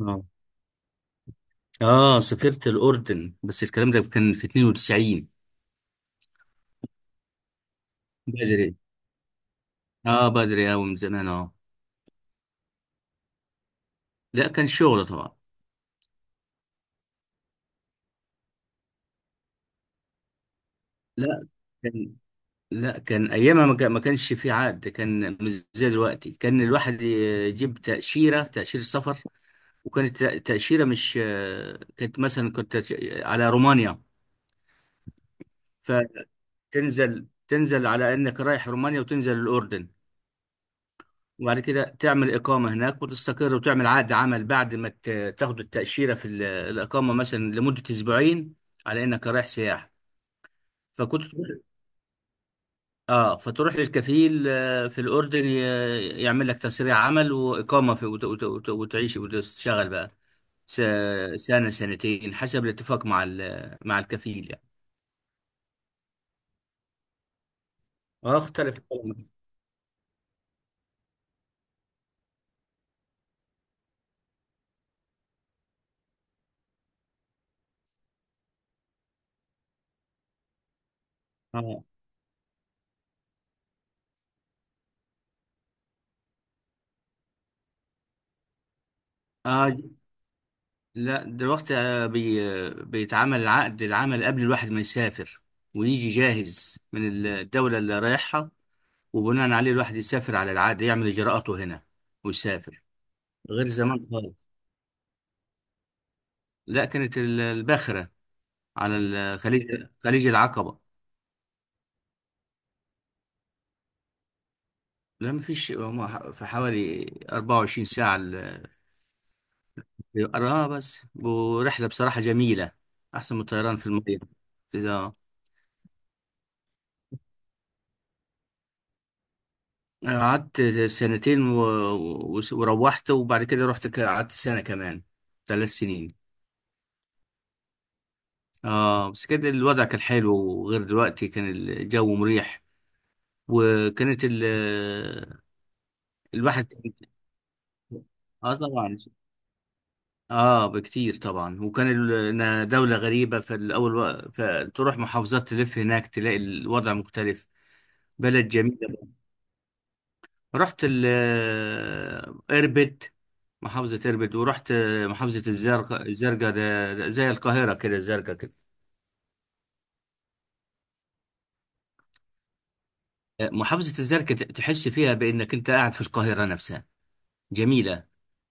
اه، اه، سافرت الاردن، بس الكلام ده كان في 92. بدري، اه، بدري اوي من زمان، اه. لا، كان شغل طبعا. لا كان لا كان ايامها ما كانش في عقد. كان مش زي دلوقتي، كان الواحد يجيب تاشيره سفر. وكانت تاشيره، مش كانت مثلا كنت على رومانيا. فتنزل على انك رايح رومانيا وتنزل الاردن، وبعد كده تعمل إقامة هناك وتستقر وتعمل عقد عمل، بعد ما تاخد التأشيرة في الإقامة مثلا لمدة أسبوعين، على إنك رايح سياحة. فكنت تروح، فتروح للكفيل، في الأردن يعمل لك تسريع عمل وإقامة في، وتعيش وتشتغل بقى س- سنة سنتين، حسب الاتفاق مع مع الكفيل يعني. اه، اختلف. اه لا، دلوقتي آه، بي آه، بيتعمل عقد العمل قبل الواحد ما يسافر، ويجي جاهز من الدولة اللي رايحها، وبناء عليه الواحد يسافر على العقد، يعمل إجراءاته هنا ويسافر. غير زمان خالص. لا، كانت الباخرة على خليج العقبة. لا مفيش، هم في حوالي 24 ساعة. اه، بس ورحلة بصراحة جميلة، أحسن من الطيران في المية. قعدت سنتين وروحت، وبعد كده رحت، قعدت سنة كمان. 3 سنين. اه، بس كده الوضع كان حلو، وغير دلوقتي كان الجو مريح. وكانت ال... الواحد كان- اه، طبعا. اه، بكتير طبعا. إنها دولة غريبة فالأول. فتروح محافظات، تلف هناك، تلاقي الوضع مختلف. بلد جميلة. رحت اربد، محافظة اربد، ورحت محافظة الزرقاء. الزرقاء ده زي القاهرة كده، الزرقاء كده. محافظة الزرقاء تحس فيها بأنك أنت قاعد في القاهرة نفسها. جميلة،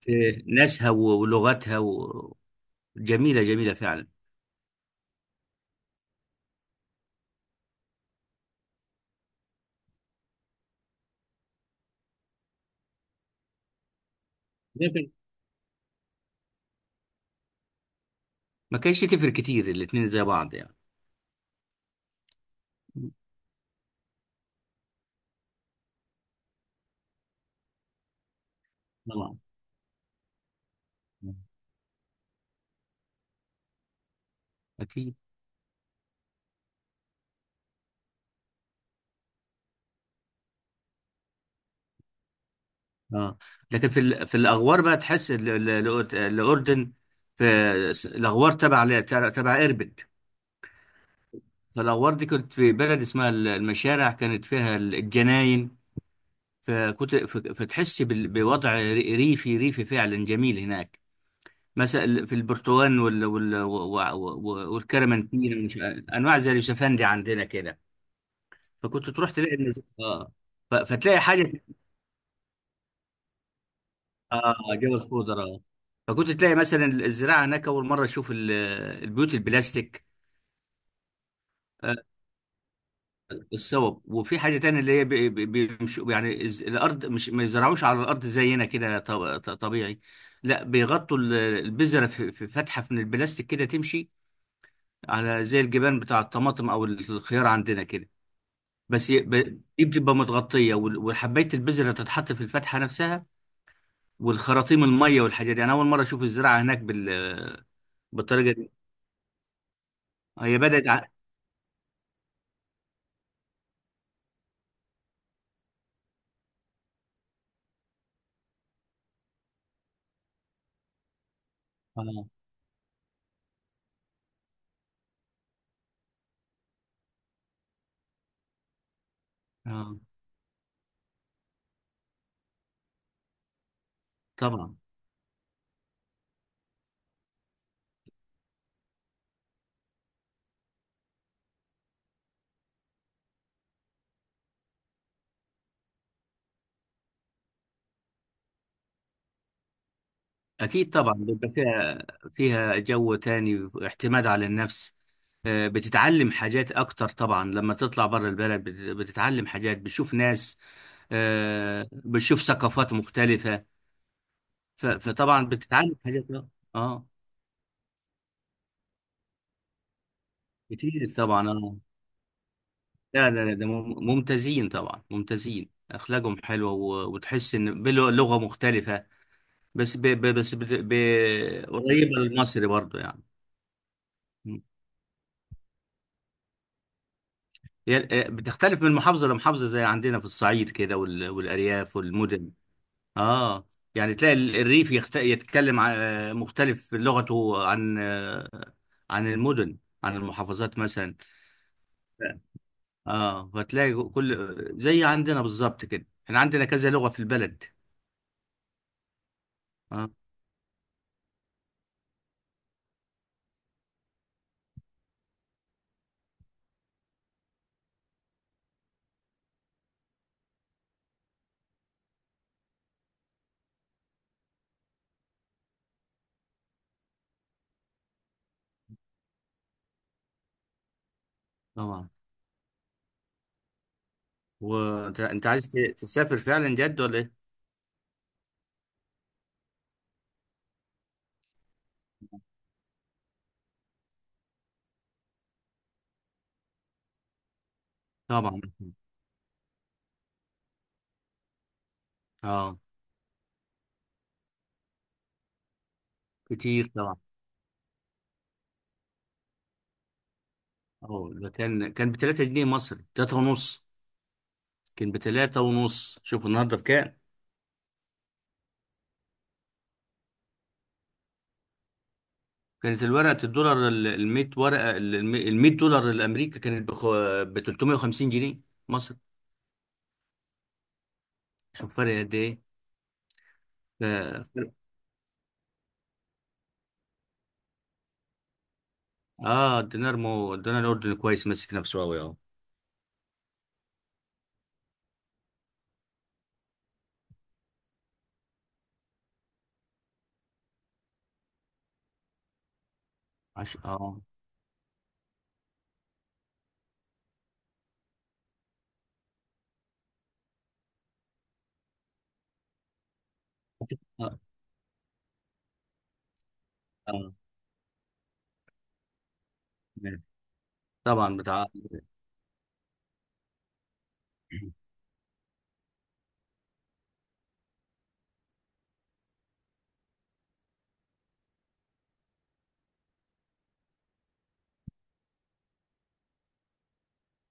في ناسها ولغتها جميلة جميلة فعلا. لكن ما كانش تفرق كتير، الاتنين زي بعض يعني. طبعا. أكيد، اه. لكن في الأغوار بقى تحس الأردن، في الأغوار تبع تبع اربد. فالأغوار دي، كنت في بلد اسمها المشارع، كانت فيها الجناين. فكنت فتحس بوضع ريفي ريفي فعلا، جميل هناك. مثلا في البرتقال والكرمنتين، ومش انواع زي اليوسفندي عندنا كده. فكنت تروح تلاقي النز... اه فتلاقي حاجه. اه، جو الخضره. فكنت تلاقي مثلا الزراعه هناك، اول مره اشوف البيوت البلاستيك، الصوب. وفي حاجة تانية، اللي هي بيمشوا يعني، الأرض مش ما يزرعوش على الأرض زينا كده طبيعي. لا، بيغطوا البذرة في فتحة من البلاستيك كده، تمشي على زي الجبان بتاع الطماطم أو الخيار عندنا كده. بس دي بتبقى متغطية، وحباية البذرة تتحط في الفتحة نفسها. والخراطيم المية والحاجات دي، أنا أول مرة أشوف الزراعة هناك بالطريقة دي. هي بدأت ع... آه، آه، طبعا. أكيد طبعا، بيبقى فيها، جو تاني، اعتماد على النفس. بتتعلم حاجات أكتر طبعا، لما تطلع بره البلد بتتعلم حاجات، بتشوف ناس، بتشوف ثقافات مختلفة. فطبعا بتتعلم حاجات، اه. آه، كتير طبعا، اه. لا، لا، لا، ده ممتازين طبعا، ممتازين، أخلاقهم حلوة، وتحس إن بلغة مختلفة، بس ب ب بس بت- ب- قريبة للمصري برضو يعني. هي- بتختلف من محافظة لمحافظة، زي عندنا في الصعيد كده، والأرياف والمدن. اه يعني تلاقي الريف يتكلم، مختلف لغته عن عن المدن، عن المحافظات مثلا. اه، فتلاقي كل، زي عندنا بالظبط كده، احنا عندنا كذا لغة في البلد. اه، طبعا. وانت، عايز تسافر فعلا جد ولا ايه؟ طبعا. اه، كتير طبعا، اه. ده كان، ب 3 جنيه مصري، 3 ونص. كان بتلاتة ونص، شوف النهارده بكام. كانت الورقة الدولار، الميت ورقة، الميت دولار الأمريكا كانت ب 350 جنيه مصر. شوف فرق قد إيه. ف- ف- اه الدينار، مو الدينار الأردني كويس، ماسك نفسه أوي أهو. عش... اه اه. آه. طبعا، بتاع،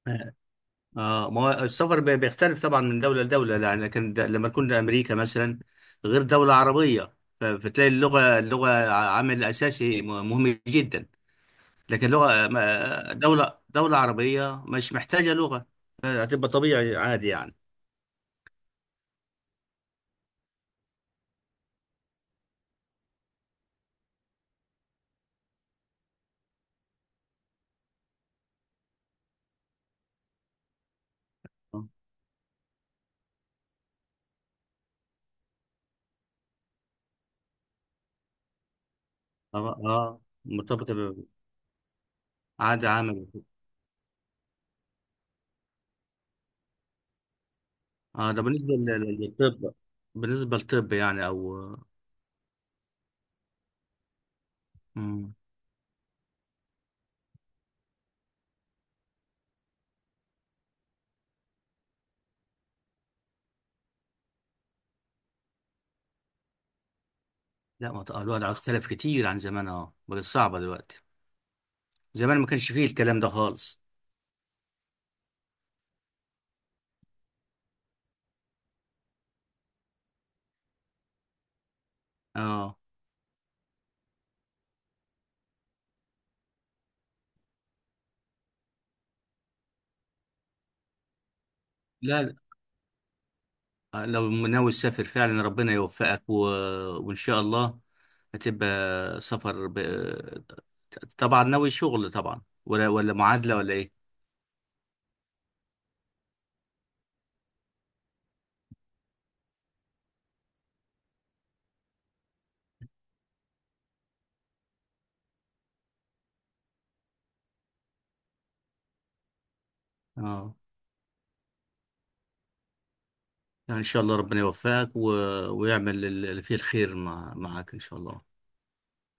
اه. ما هو السفر بيختلف طبعا من دولة لدولة، لكن لما تكون لأمريكا مثلا، غير دولة عربية. فتلاقي اللغة، اللغة عامل أساسي مهم جدا. لكن لغة، دولة عربية مش محتاجة لغة، هتبقى طبيعي عادي يعني. اه، اه، مرتبطة بعادة عامة وكده. اه، ده بالنسبة للطب، بالنسبة للطب يعني، او. مم. لا، ما ت- الوضع اختلف كتير عن زمان. اه، بقت صعبة دلوقتي، زمان ما كانش فيه الكلام ده خالص. اه. لا، لو ناوي تسافر فعلا ربنا يوفقك وإن شاء الله هتبقى سفر طبعا. ناوي شغل طبعا، ولا معادلة ولا إيه؟ اه. لا، إن شاء الله ربنا يوفقك ويعمل اللي فيه الخير معاك إن شاء الله.